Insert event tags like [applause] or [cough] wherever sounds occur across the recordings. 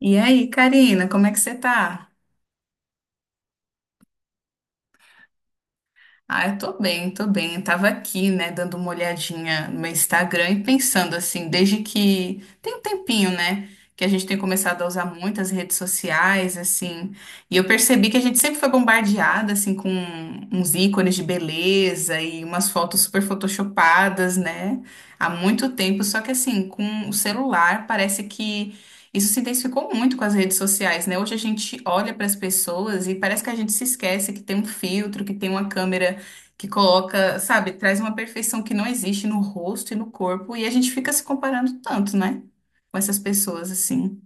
E aí, Karina, como é que você tá? Ah, eu tô bem, tô bem. Eu tava aqui, né, dando uma olhadinha no meu Instagram e pensando assim, desde que tem um tempinho, né, que a gente tem começado a usar muitas redes sociais, assim, e eu percebi que a gente sempre foi bombardeada, assim, com uns ícones de beleza e umas fotos super photoshopadas, né, há muito tempo. Só que, assim, com o celular, parece que. Isso se intensificou muito com as redes sociais, né? Hoje a gente olha para as pessoas e parece que a gente se esquece que tem um filtro, que tem uma câmera que coloca, sabe, traz uma perfeição que não existe no rosto e no corpo, e a gente fica se comparando tanto, né? Com essas pessoas, assim.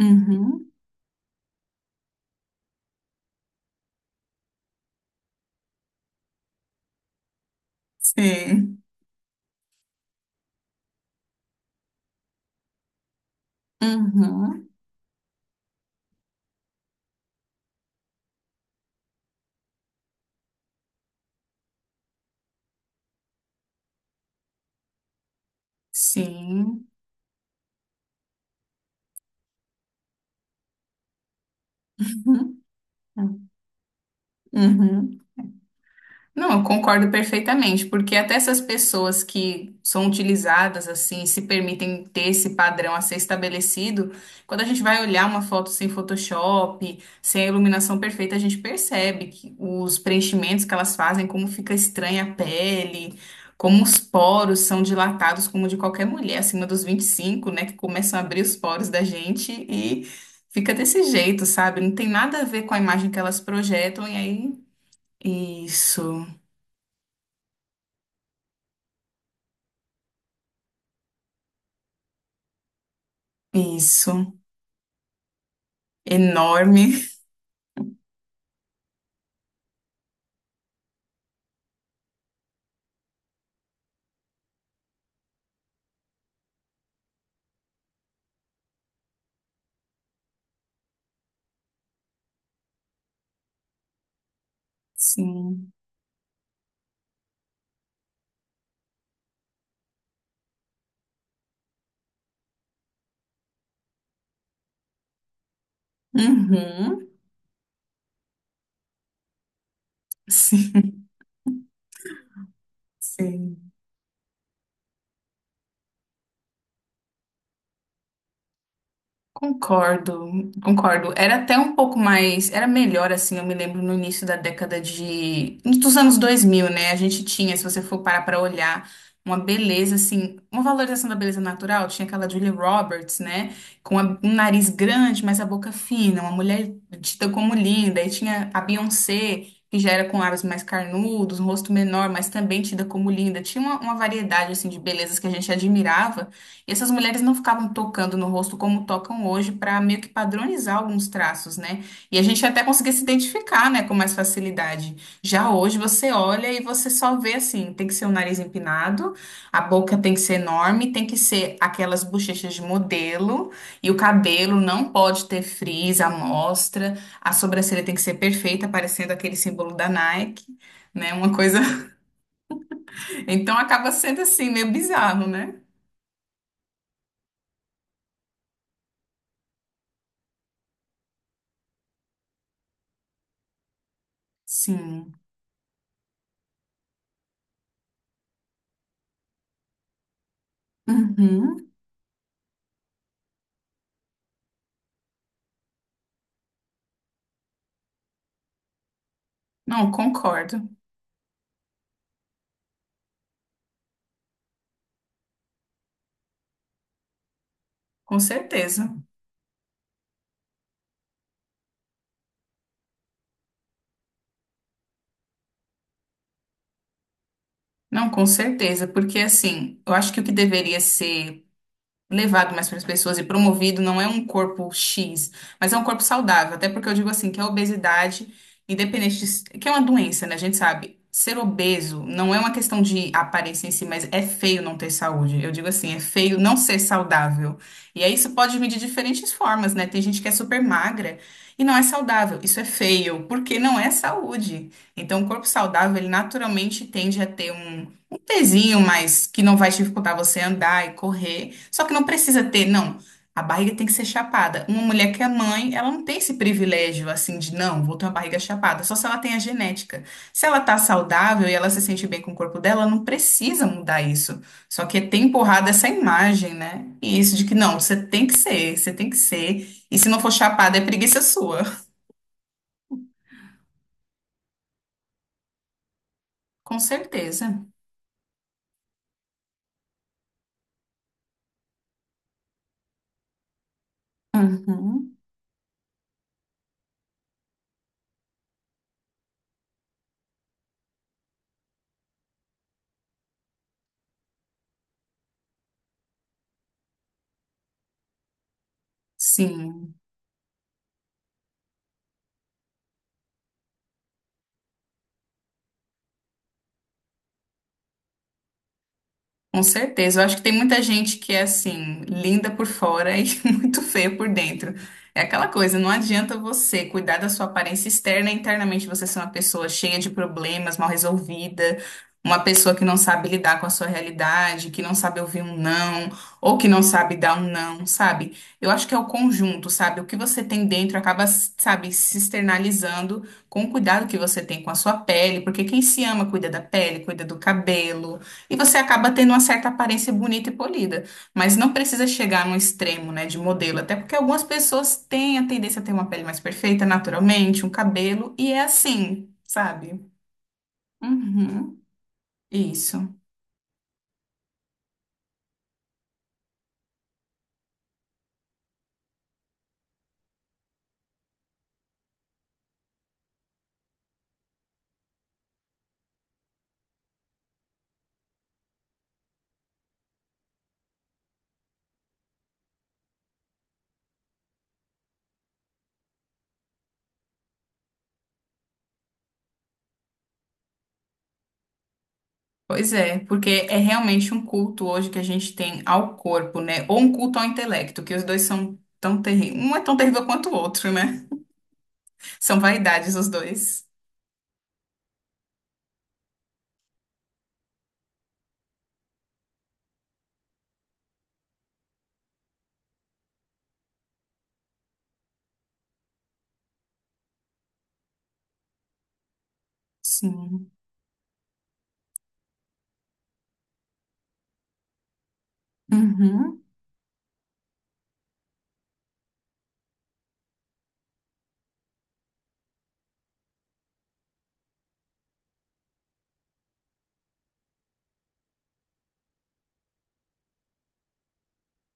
Uhum. Sim. Uhum. Sim. Uhum. Uhum. Não, eu concordo perfeitamente, porque até essas pessoas que são utilizadas assim, se permitem ter esse padrão a ser estabelecido, quando a gente vai olhar uma foto sem Photoshop, sem a iluminação perfeita, a gente percebe que os preenchimentos que elas fazem, como fica estranha a pele, como os poros são dilatados, como de qualquer mulher acima dos 25, né, que começam a abrir os poros da gente e fica desse jeito, sabe? Não tem nada a ver com a imagem que elas projetam e aí. Isso. Isso, enorme. [laughs] Sim. Uhum. Sim, sim. Concordo. Era até um pouco mais, era melhor assim, eu me lembro no início da década de, dos anos 2000, né? A gente tinha, se você for parar para olhar, uma beleza assim, uma valorização da beleza natural, tinha aquela Julia Roberts, né? Com a- um nariz grande, mas a boca fina, uma mulher dita como linda, e tinha a Beyoncé, que já era com lábios mais carnudos, um rosto menor, mas também tida como linda. Tinha uma variedade assim de belezas que a gente admirava. Essas mulheres não ficavam tocando no rosto como tocam hoje para meio que padronizar alguns traços, né? E a gente até conseguia se identificar, né, com mais facilidade. Já hoje você olha e você só vê assim, tem que ser o nariz empinado, a boca tem que ser enorme, tem que ser aquelas bochechas de modelo e o cabelo não pode ter frizz, amostra, a sobrancelha tem que ser perfeita, parecendo aquele símbolo da Nike, né? Uma coisa. [laughs] Então acaba sendo assim meio bizarro, né? Sim. Uhum. Não, concordo, com certeza. Não, com certeza, porque assim, eu acho que o que deveria ser levado mais para as pessoas e promovido, não é um corpo X, mas é um corpo saudável. Até porque eu digo assim, que a obesidade, independente de, s- que é uma doença, né? A gente sabe. Ser obeso não é uma questão de aparência em si, mas é feio não ter saúde. Eu digo assim, é feio não ser saudável. E aí isso pode vir de diferentes formas, né? Tem gente que é super magra e não é saudável. Isso é feio, porque não é saúde. Então, o corpo saudável, ele naturalmente tende a ter um pezinho, mas que não vai dificultar você andar e correr. Só que não precisa ter, não. A barriga tem que ser chapada. Uma mulher que é mãe, ela não tem esse privilégio assim de não, vou ter uma barriga chapada, só se ela tem a genética. Se ela tá saudável e ela se sente bem com o corpo dela, ela não precisa mudar isso. Só que tem empurrado essa imagem, né? E isso de que não, você tem que ser, você tem que ser. E se não for chapada, é preguiça sua. Com certeza. Uhum. Sim. Com certeza. Eu acho que tem muita gente que é assim, linda por fora e [laughs] muito feia por dentro. É aquela coisa, não adianta você cuidar da sua aparência externa, e internamente você ser uma pessoa cheia de problemas, mal resolvida, uma pessoa que não sabe lidar com a sua realidade, que não sabe ouvir um não, ou que não sabe dar um não, sabe? Eu acho que é o conjunto, sabe? O que você tem dentro acaba, sabe, se externalizando com o cuidado que você tem com a sua pele, porque quem se ama cuida da pele, cuida do cabelo e você acaba tendo uma certa aparência bonita e polida, mas não precisa chegar num extremo, né, de modelo, até porque algumas pessoas têm a tendência a ter uma pele mais perfeita naturalmente, um cabelo, e é assim, sabe? Uhum, isso. Pois é, porque é realmente um culto hoje que a gente tem ao corpo, né? Ou um culto ao intelecto, que os dois são tão terríveis. Um é tão terrível quanto o outro, né? São vaidades os dois. Sim. Uhum.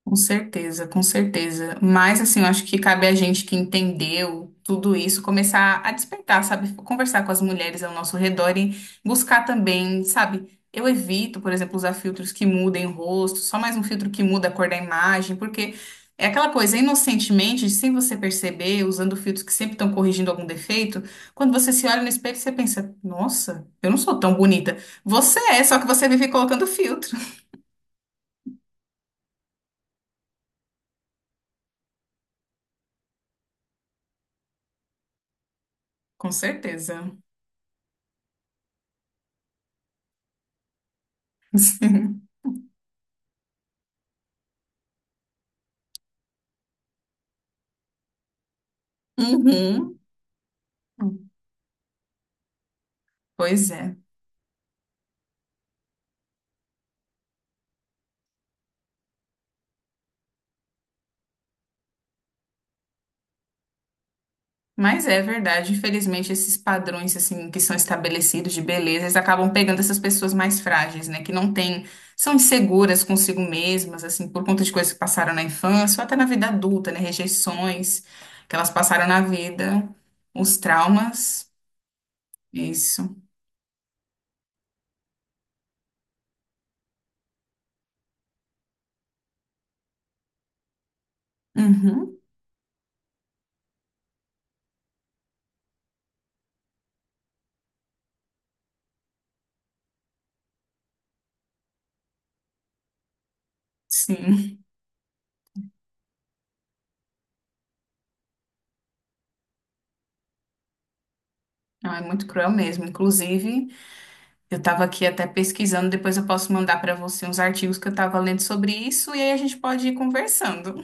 Com certeza. Mas, assim, eu acho que cabe a gente que entendeu tudo isso começar a despertar, sabe? Conversar com as mulheres ao nosso redor e buscar também, sabe? Eu evito, por exemplo, usar filtros que mudem o rosto, só mais um filtro que muda a cor da imagem, porque é aquela coisa, inocentemente, sem você perceber, usando filtros que sempre estão corrigindo algum defeito, quando você se olha no espelho, você pensa: nossa, eu não sou tão bonita. Você é, só que você vive colocando filtro. Com certeza. [laughs] Uhum. Pois é. Mas é verdade, infelizmente esses padrões assim que são estabelecidos de beleza, eles acabam pegando essas pessoas mais frágeis, né, que não têm, são inseguras consigo mesmas, assim, por conta de coisas que passaram na infância ou até na vida adulta, né, rejeições que elas passaram na vida, os traumas, isso. Uhum. Sim, não, é muito cruel mesmo. Inclusive, eu estava aqui até pesquisando, depois eu posso mandar para você uns artigos que eu estava lendo sobre isso e aí a gente pode ir conversando.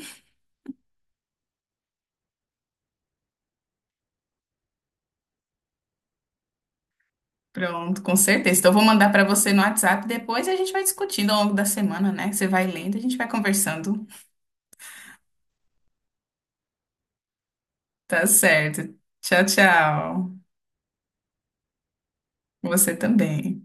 Pronto, com certeza. Então, eu vou mandar para você no WhatsApp depois e a gente vai discutindo ao longo da semana, né? Você vai lendo, a gente vai conversando. Tá certo. Tchau, tchau. Você também.